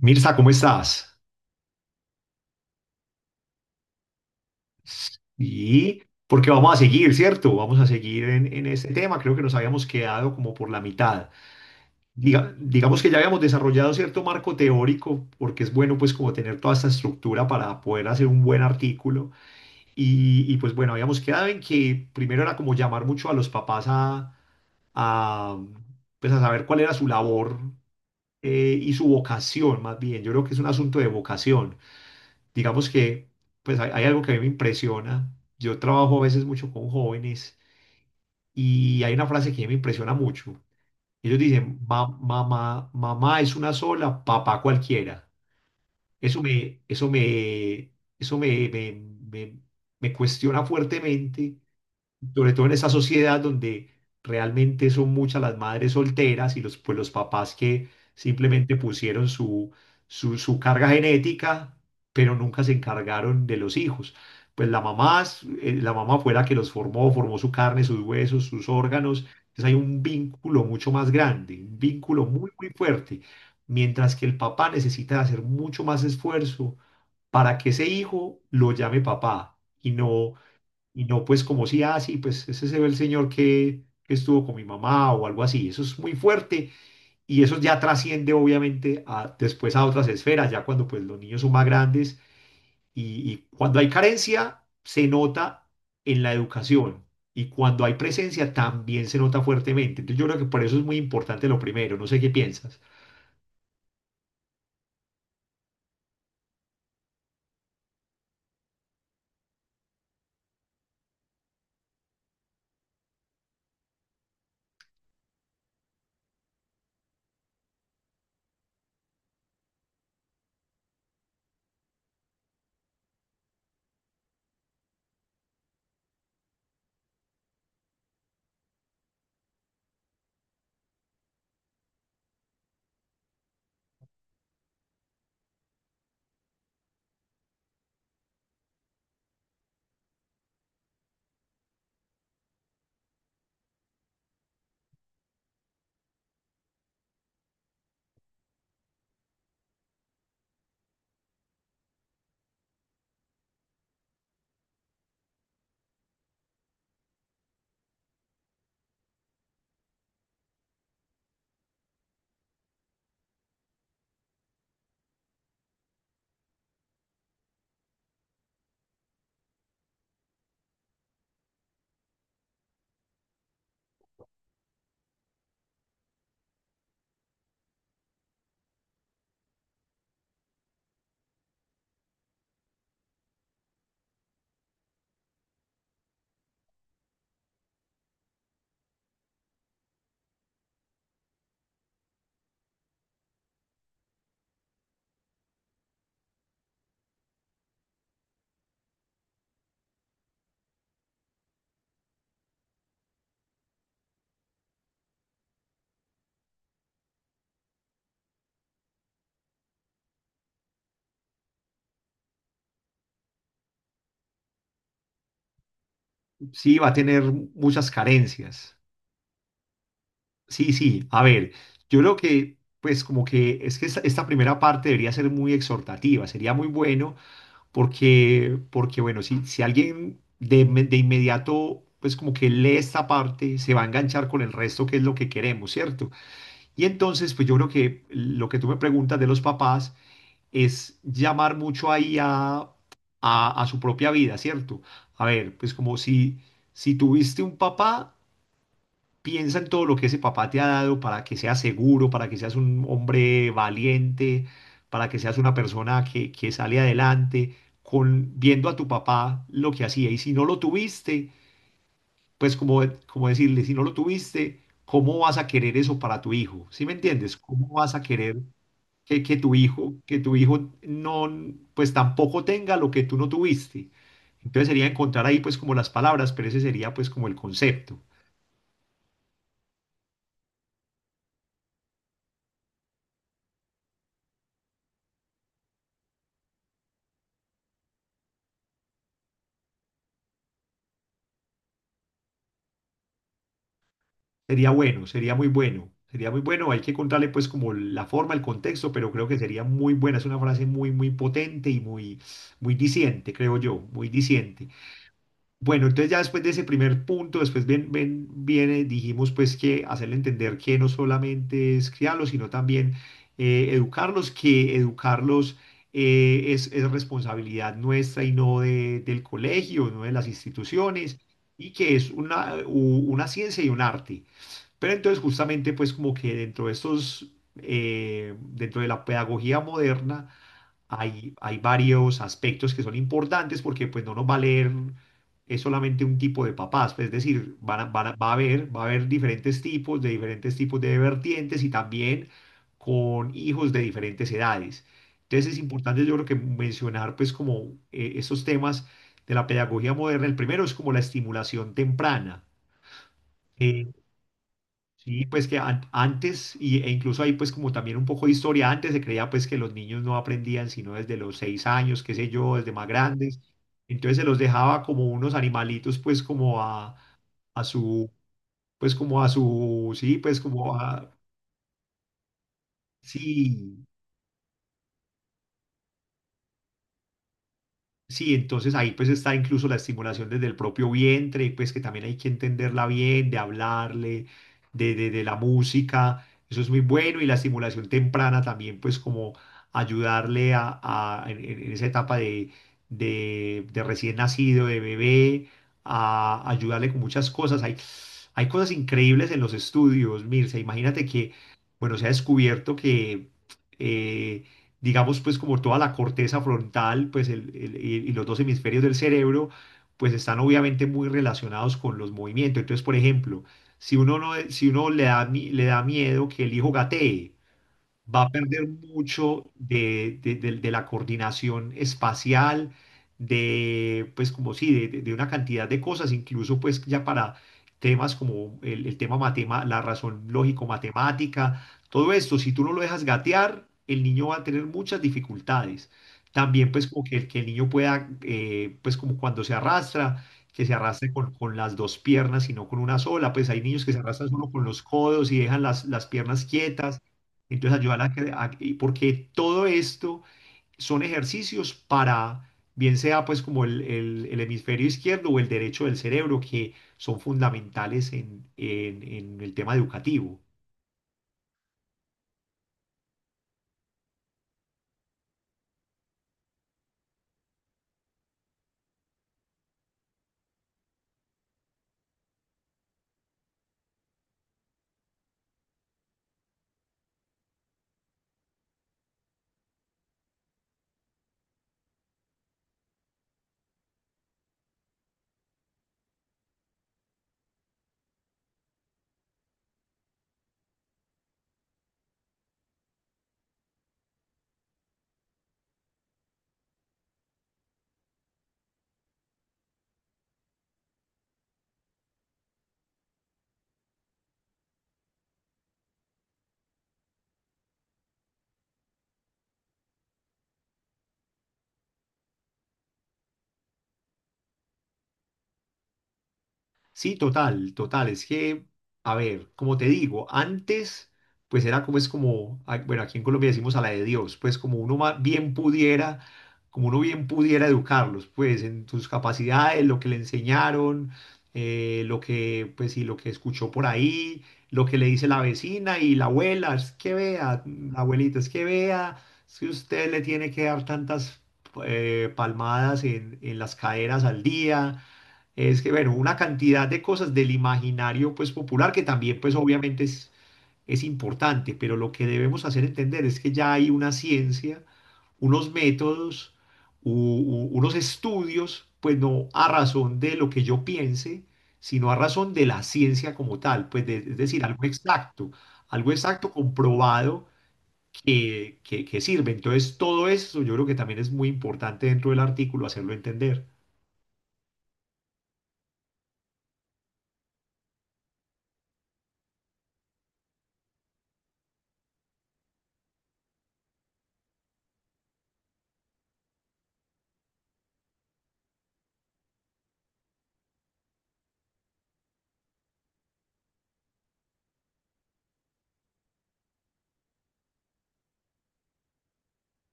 Mirza, ¿cómo estás? Y porque vamos a seguir, ¿cierto? Vamos a seguir en este tema. Creo que nos habíamos quedado como por la mitad. Digamos que ya habíamos desarrollado cierto marco teórico, porque es bueno pues como tener toda esta estructura para poder hacer un buen artículo. Pues bueno, habíamos quedado en que primero era como llamar mucho a los papás a, pues a saber cuál era su labor, y su vocación más bien. Yo creo que es un asunto de vocación, digamos que pues hay algo que a mí me impresiona. Yo trabajo a veces mucho con jóvenes y hay una frase que me impresiona mucho. Ellos dicen, Mamá, mamá es una sola, papá cualquiera". Eso me, eso me, eso me, me, me, me cuestiona fuertemente, sobre todo en esa sociedad donde realmente son muchas las madres solteras y los, pues los papás que simplemente pusieron su carga genética, pero nunca se encargaron de los hijos. Pues la mamá fue la que los formó, formó su carne, sus huesos, sus órganos. Entonces hay un vínculo mucho más grande, un vínculo muy, muy fuerte. Mientras que el papá necesita hacer mucho más esfuerzo para que ese hijo lo llame papá y no, pues, como si, ah, sí, pues ese se ve, el señor que estuvo con mi mamá o algo así. Eso es muy fuerte, y eso ya trasciende obviamente a, después a otras esferas, ya cuando pues los niños son más grandes cuando hay carencia se nota en la educación, y cuando hay presencia también se nota fuertemente. Entonces yo creo que por eso es muy importante lo primero, no sé qué piensas. Sí, va a tener muchas carencias. Sí, sí, a ver, yo creo que, pues como que, es que esta primera parte debería ser muy exhortativa, sería muy bueno, porque, bueno, si alguien de inmediato pues como que lee esta parte, se va a enganchar con el resto, que es lo que queremos, ¿cierto? Y entonces, pues yo creo que lo que tú me preguntas de los papás es llamar mucho ahí a su propia vida, ¿cierto? A ver, pues como si tuviste un papá, piensa en todo lo que ese papá te ha dado, para que seas seguro, para que seas un hombre valiente, para que seas una persona que sale adelante, con, viendo a tu papá lo que hacía. Y si no lo tuviste, pues como, como decirle, si no lo tuviste, ¿cómo vas a querer eso para tu hijo? ¿Sí me entiendes? ¿Cómo vas a querer que tu hijo no, pues tampoco tenga lo que tú no tuviste? Entonces sería encontrar ahí pues como las palabras, pero ese sería pues como el concepto. Sería bueno, sería muy bueno, sería muy bueno. Hay que contarle pues como la forma, el contexto, pero creo que sería muy buena. Es una frase muy, muy potente y muy, muy diciente, creo yo, muy diciente. Bueno, entonces ya después de ese primer punto, después viene, dijimos pues que hacerle entender que no solamente es criarlos, sino también educarlos, que educarlos, es responsabilidad nuestra y del colegio, no de las instituciones, y que es una ciencia y un arte, pero entonces justamente pues como que dentro de la pedagogía moderna hay varios aspectos que son importantes, porque pues no nos va a leer es solamente un tipo de papás, pues, es decir, van a- van a- va a haber diferentes tipos de vertientes y también con hijos de diferentes edades. Entonces es importante, yo creo, que mencionar pues como esos temas de la pedagogía moderna. El primero es como la estimulación temprana. Sí, pues que y, incluso ahí pues como también un poco de historia, antes se creía pues que los niños no aprendían sino desde los 6 años, qué sé yo, desde más grandes. Entonces se los dejaba como unos animalitos, pues como a su, pues como a su, sí, pues como a, sí, sí, entonces ahí pues está incluso la estimulación desde el propio vientre, pues que también hay que entenderla bien, de hablarle, de la música, eso es muy bueno, y la estimulación temprana también pues como ayudarle a, en esa etapa de recién nacido, de bebé, a ayudarle con muchas cosas. Hay cosas increíbles en los estudios, Mirce, imagínate que, bueno, se ha descubierto que... eh, digamos, pues como toda la corteza frontal, pues y los dos hemisferios del cerebro, pues están obviamente muy relacionados con los movimientos. Entonces, por ejemplo, si uno no, si uno le da, le da miedo que el hijo gatee, va a perder mucho de, de la coordinación espacial, de, pues como sí, de una cantidad de cosas, incluso pues ya para temas como la razón lógico-matemática. Todo esto, si tú no lo dejas gatear, el niño va a tener muchas dificultades. También pues como que, que el niño pueda, pues como cuando se arrastra, que se arrastre con las dos piernas y no con una sola, pues hay niños que se arrastran solo con los codos y dejan las piernas quietas. Entonces ayúdala a que, y porque todo esto son ejercicios para, bien sea pues como el hemisferio izquierdo o el derecho del cerebro, que son fundamentales en el tema educativo. Sí, total, total. Es que, a ver, como te digo, antes, pues era como es como, ah, bueno, aquí en Colombia decimos a la de Dios, pues como uno bien pudiera, como uno bien pudiera educarlos, pues en sus capacidades, lo que le enseñaron, lo que, pues sí, lo que escuchó por ahí, lo que le dice la vecina y la abuela, es que vea, la abuelita, es que vea, si usted le tiene que dar tantas palmadas en las caderas al día, es que, bueno, una cantidad de cosas del imaginario pues popular que también pues obviamente es importante, pero lo que debemos hacer entender es que ya hay una ciencia, unos métodos, unos estudios, pues no a razón de lo que yo piense, sino a razón de la ciencia como tal, pues es decir, algo exacto comprobado que sirve. Entonces, todo eso yo creo que también es muy importante dentro del artículo hacerlo entender.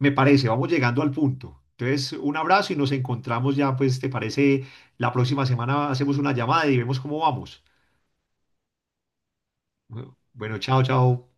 Me parece, vamos llegando al punto. Entonces, un abrazo y nos encontramos ya, pues, ¿te parece? La próxima semana hacemos una llamada y vemos cómo vamos. Bueno, chao, chao.